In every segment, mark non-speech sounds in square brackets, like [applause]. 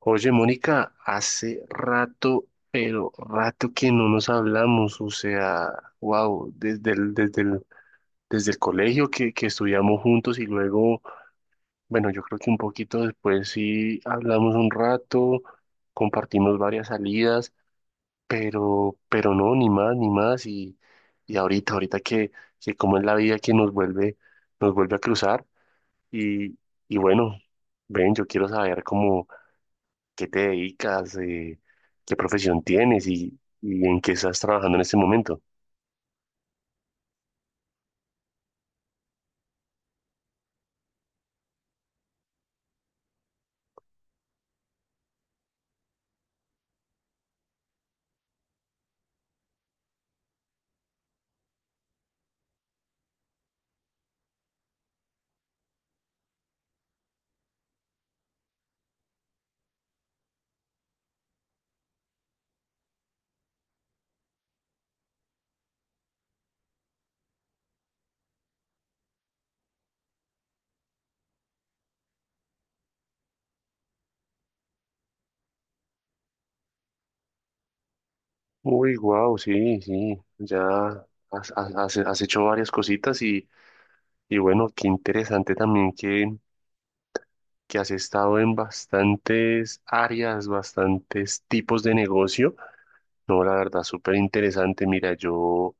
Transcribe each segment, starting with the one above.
Oye, Mónica, hace rato, pero rato que no nos hablamos, o sea, wow, desde el colegio que estudiamos juntos y luego, bueno, yo creo que un poquito después sí hablamos un rato, compartimos varias salidas, pero no, ni más, y ahorita, ahorita que como es la vida que nos vuelve a cruzar, y, y bueno, ven, yo quiero saber cómo qué te dedicas, qué profesión tienes y en qué estás trabajando en este momento. Uy, wow, sí, sí, ya has hecho varias cositas y bueno, qué interesante también que has estado en bastantes áreas, bastantes tipos de negocio. No, la verdad, súper interesante. Mira, yo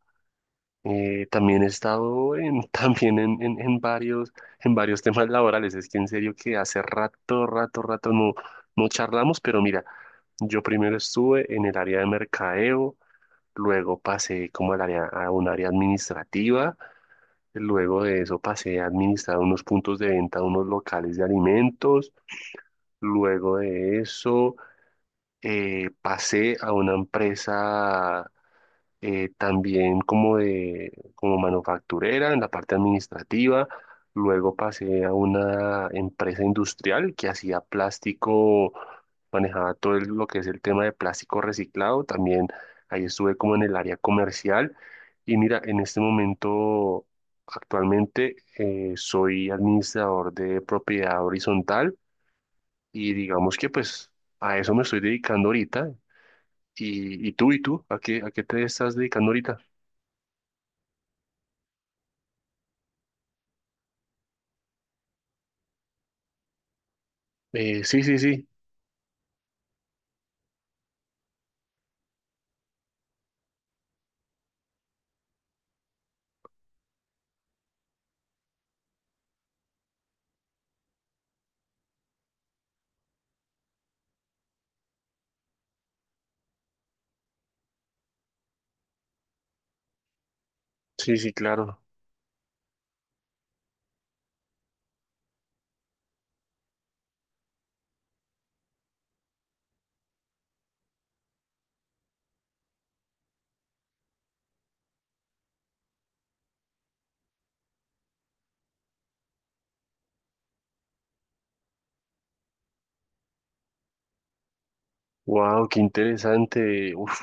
También he estado [laughs] también en, en varios, en varios temas laborales. Es que en serio que hace rato no, no charlamos, pero mira, yo primero estuve en el área de mercadeo, luego pasé como al área, a un área administrativa, luego de eso pasé a administrar unos puntos de venta, unos locales de alimentos, luego de eso pasé a una empresa también como de como manufacturera en la parte administrativa. Luego pasé a una empresa industrial que hacía plástico, manejaba lo que es el tema de plástico reciclado. También ahí estuve como en el área comercial. Y mira, en este momento, actualmente, soy administrador de propiedad horizontal y digamos que pues a eso me estoy dedicando ahorita. ¿Y tú? ¿A qué te estás dedicando ahorita? Sí, sí, sí, sí, sí, claro. Wow, qué interesante. Uf,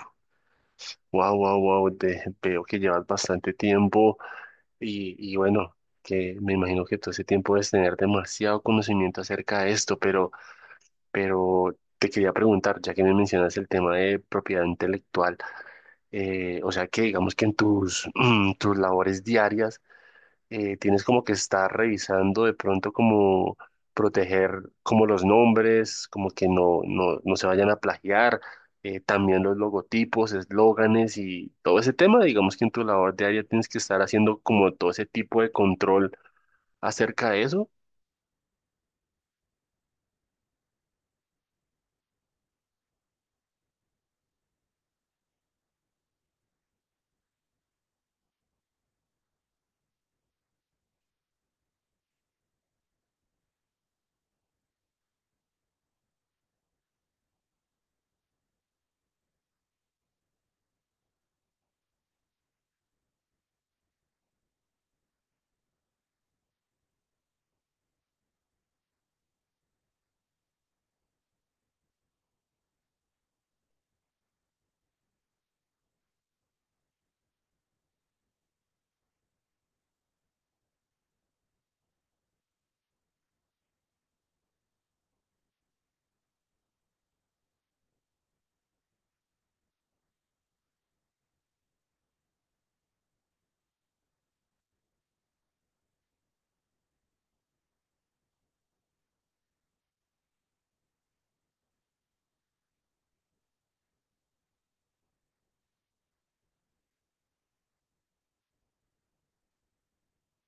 wow, wow, wow. Veo que llevas bastante tiempo y bueno, que me imagino que todo ese tiempo debes tener demasiado conocimiento acerca de esto, pero te quería preguntar, ya que me mencionas el tema de propiedad intelectual, o sea que digamos que en tus, [clears throat] tus labores diarias tienes como que estar revisando de pronto como proteger como los nombres, como que no se vayan a plagiar, también los logotipos, eslóganes y todo ese tema, digamos que en tu labor diaria tienes que estar haciendo como todo ese tipo de control acerca de eso.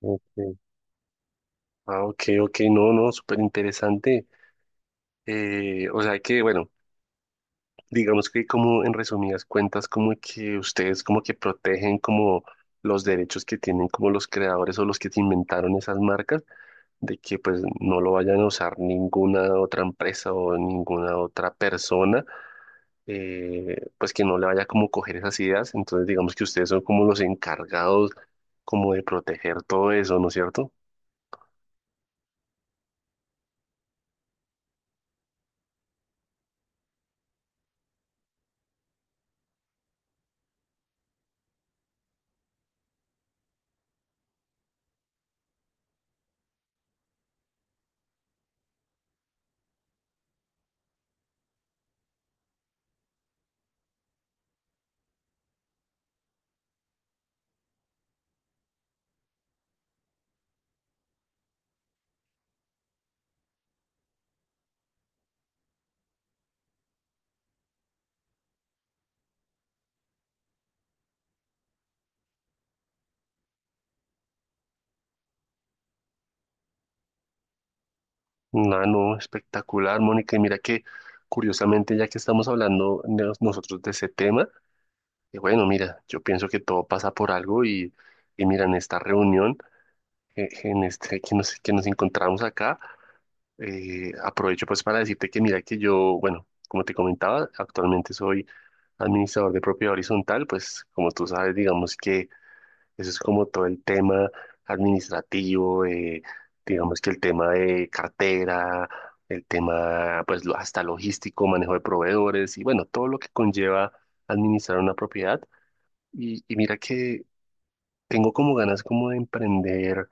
Ok. Ah, ok, ok, no, no, súper interesante. O sea que, bueno. Digamos que como en resumidas cuentas, como que ustedes como que protegen como los derechos que tienen como los creadores o los que inventaron esas marcas, de que pues no lo vayan a usar ninguna otra empresa o ninguna otra persona, pues que no le vaya como coger esas ideas. Entonces digamos que ustedes son como los encargados como de proteger todo eso, ¿no es cierto? No, no, espectacular, Mónica. Y mira que curiosamente ya que estamos hablando nosotros de ese tema, y bueno, mira, yo pienso que todo pasa por algo y mira, en esta reunión en este, que nos encontramos acá, aprovecho pues para decirte que mira que yo, bueno, como te comentaba, actualmente soy administrador de propiedad horizontal, pues como tú sabes, digamos que eso es como todo el tema administrativo, digamos que el tema de cartera, el tema pues hasta logístico, manejo de proveedores y bueno, todo lo que conlleva administrar una propiedad. Y mira que tengo como ganas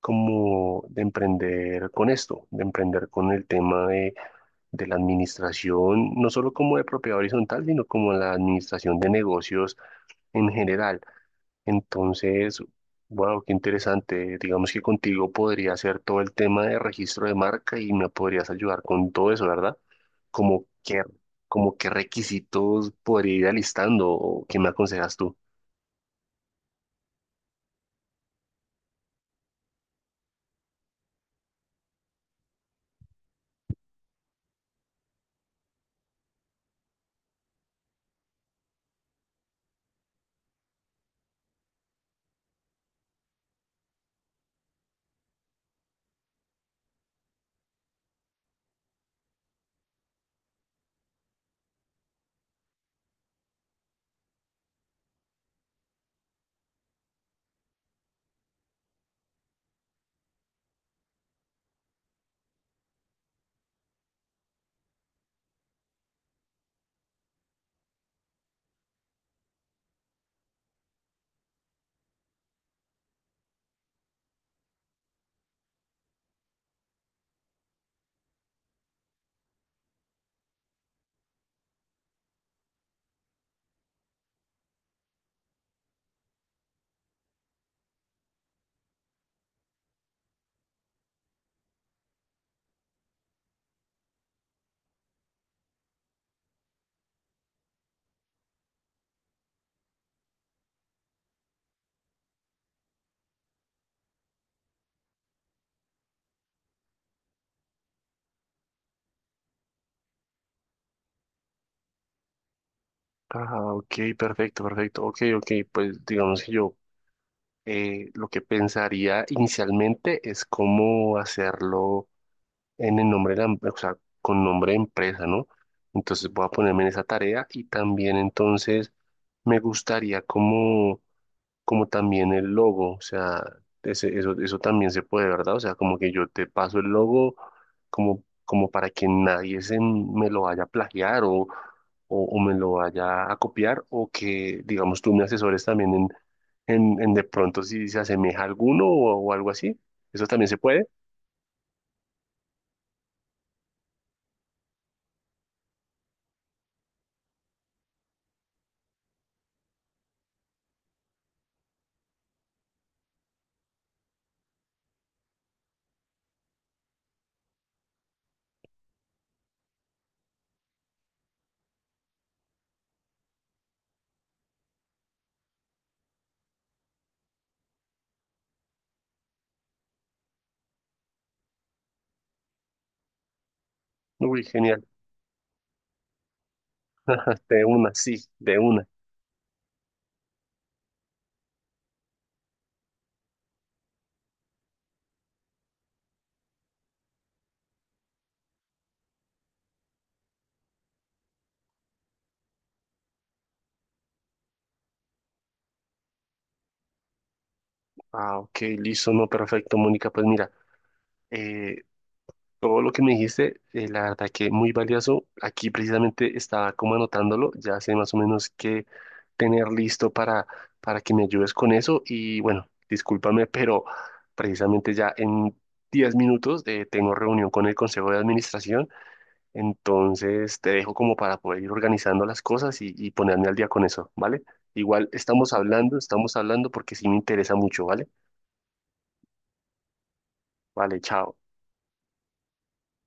como de emprender con esto, de emprender con el tema de la administración, no solo como de propiedad horizontal, sino como la administración de negocios en general. Entonces, wow, qué interesante. Digamos que contigo podría hacer todo el tema de registro de marca y me podrías ayudar con todo eso, ¿verdad? Como qué, como qué requisitos podría ir alistando o qué me aconsejas tú. Ah, ok, perfecto, perfecto. Ok, ok, pues digamos que yo lo que pensaría inicialmente es cómo hacerlo en el nombre de la, o sea, con nombre de empresa, ¿no? Entonces voy a ponerme en esa tarea y también entonces me gustaría como como también el logo, o sea, eso, eso también se puede, ¿verdad? O sea, como que yo te paso el logo como, como para que nadie se me lo vaya a plagiar o, o me lo vaya a copiar o que, digamos, tú me asesores también en, en de pronto si se asemeja a alguno o algo así. Eso también se puede. Uy, genial. [laughs] De una, sí, de una. Ah, ok, listo, no, perfecto, Mónica. Pues mira, eh, todo lo que me dijiste, la verdad que muy valioso. Aquí precisamente estaba como anotándolo, ya sé más o menos qué tener listo para que me ayudes con eso. Y bueno, discúlpame, pero precisamente ya en 10 minutos tengo reunión con el Consejo de Administración, entonces te dejo como para poder ir organizando las cosas y ponerme al día con eso, ¿vale? Igual estamos hablando porque sí me interesa mucho, ¿vale? Vale, chao.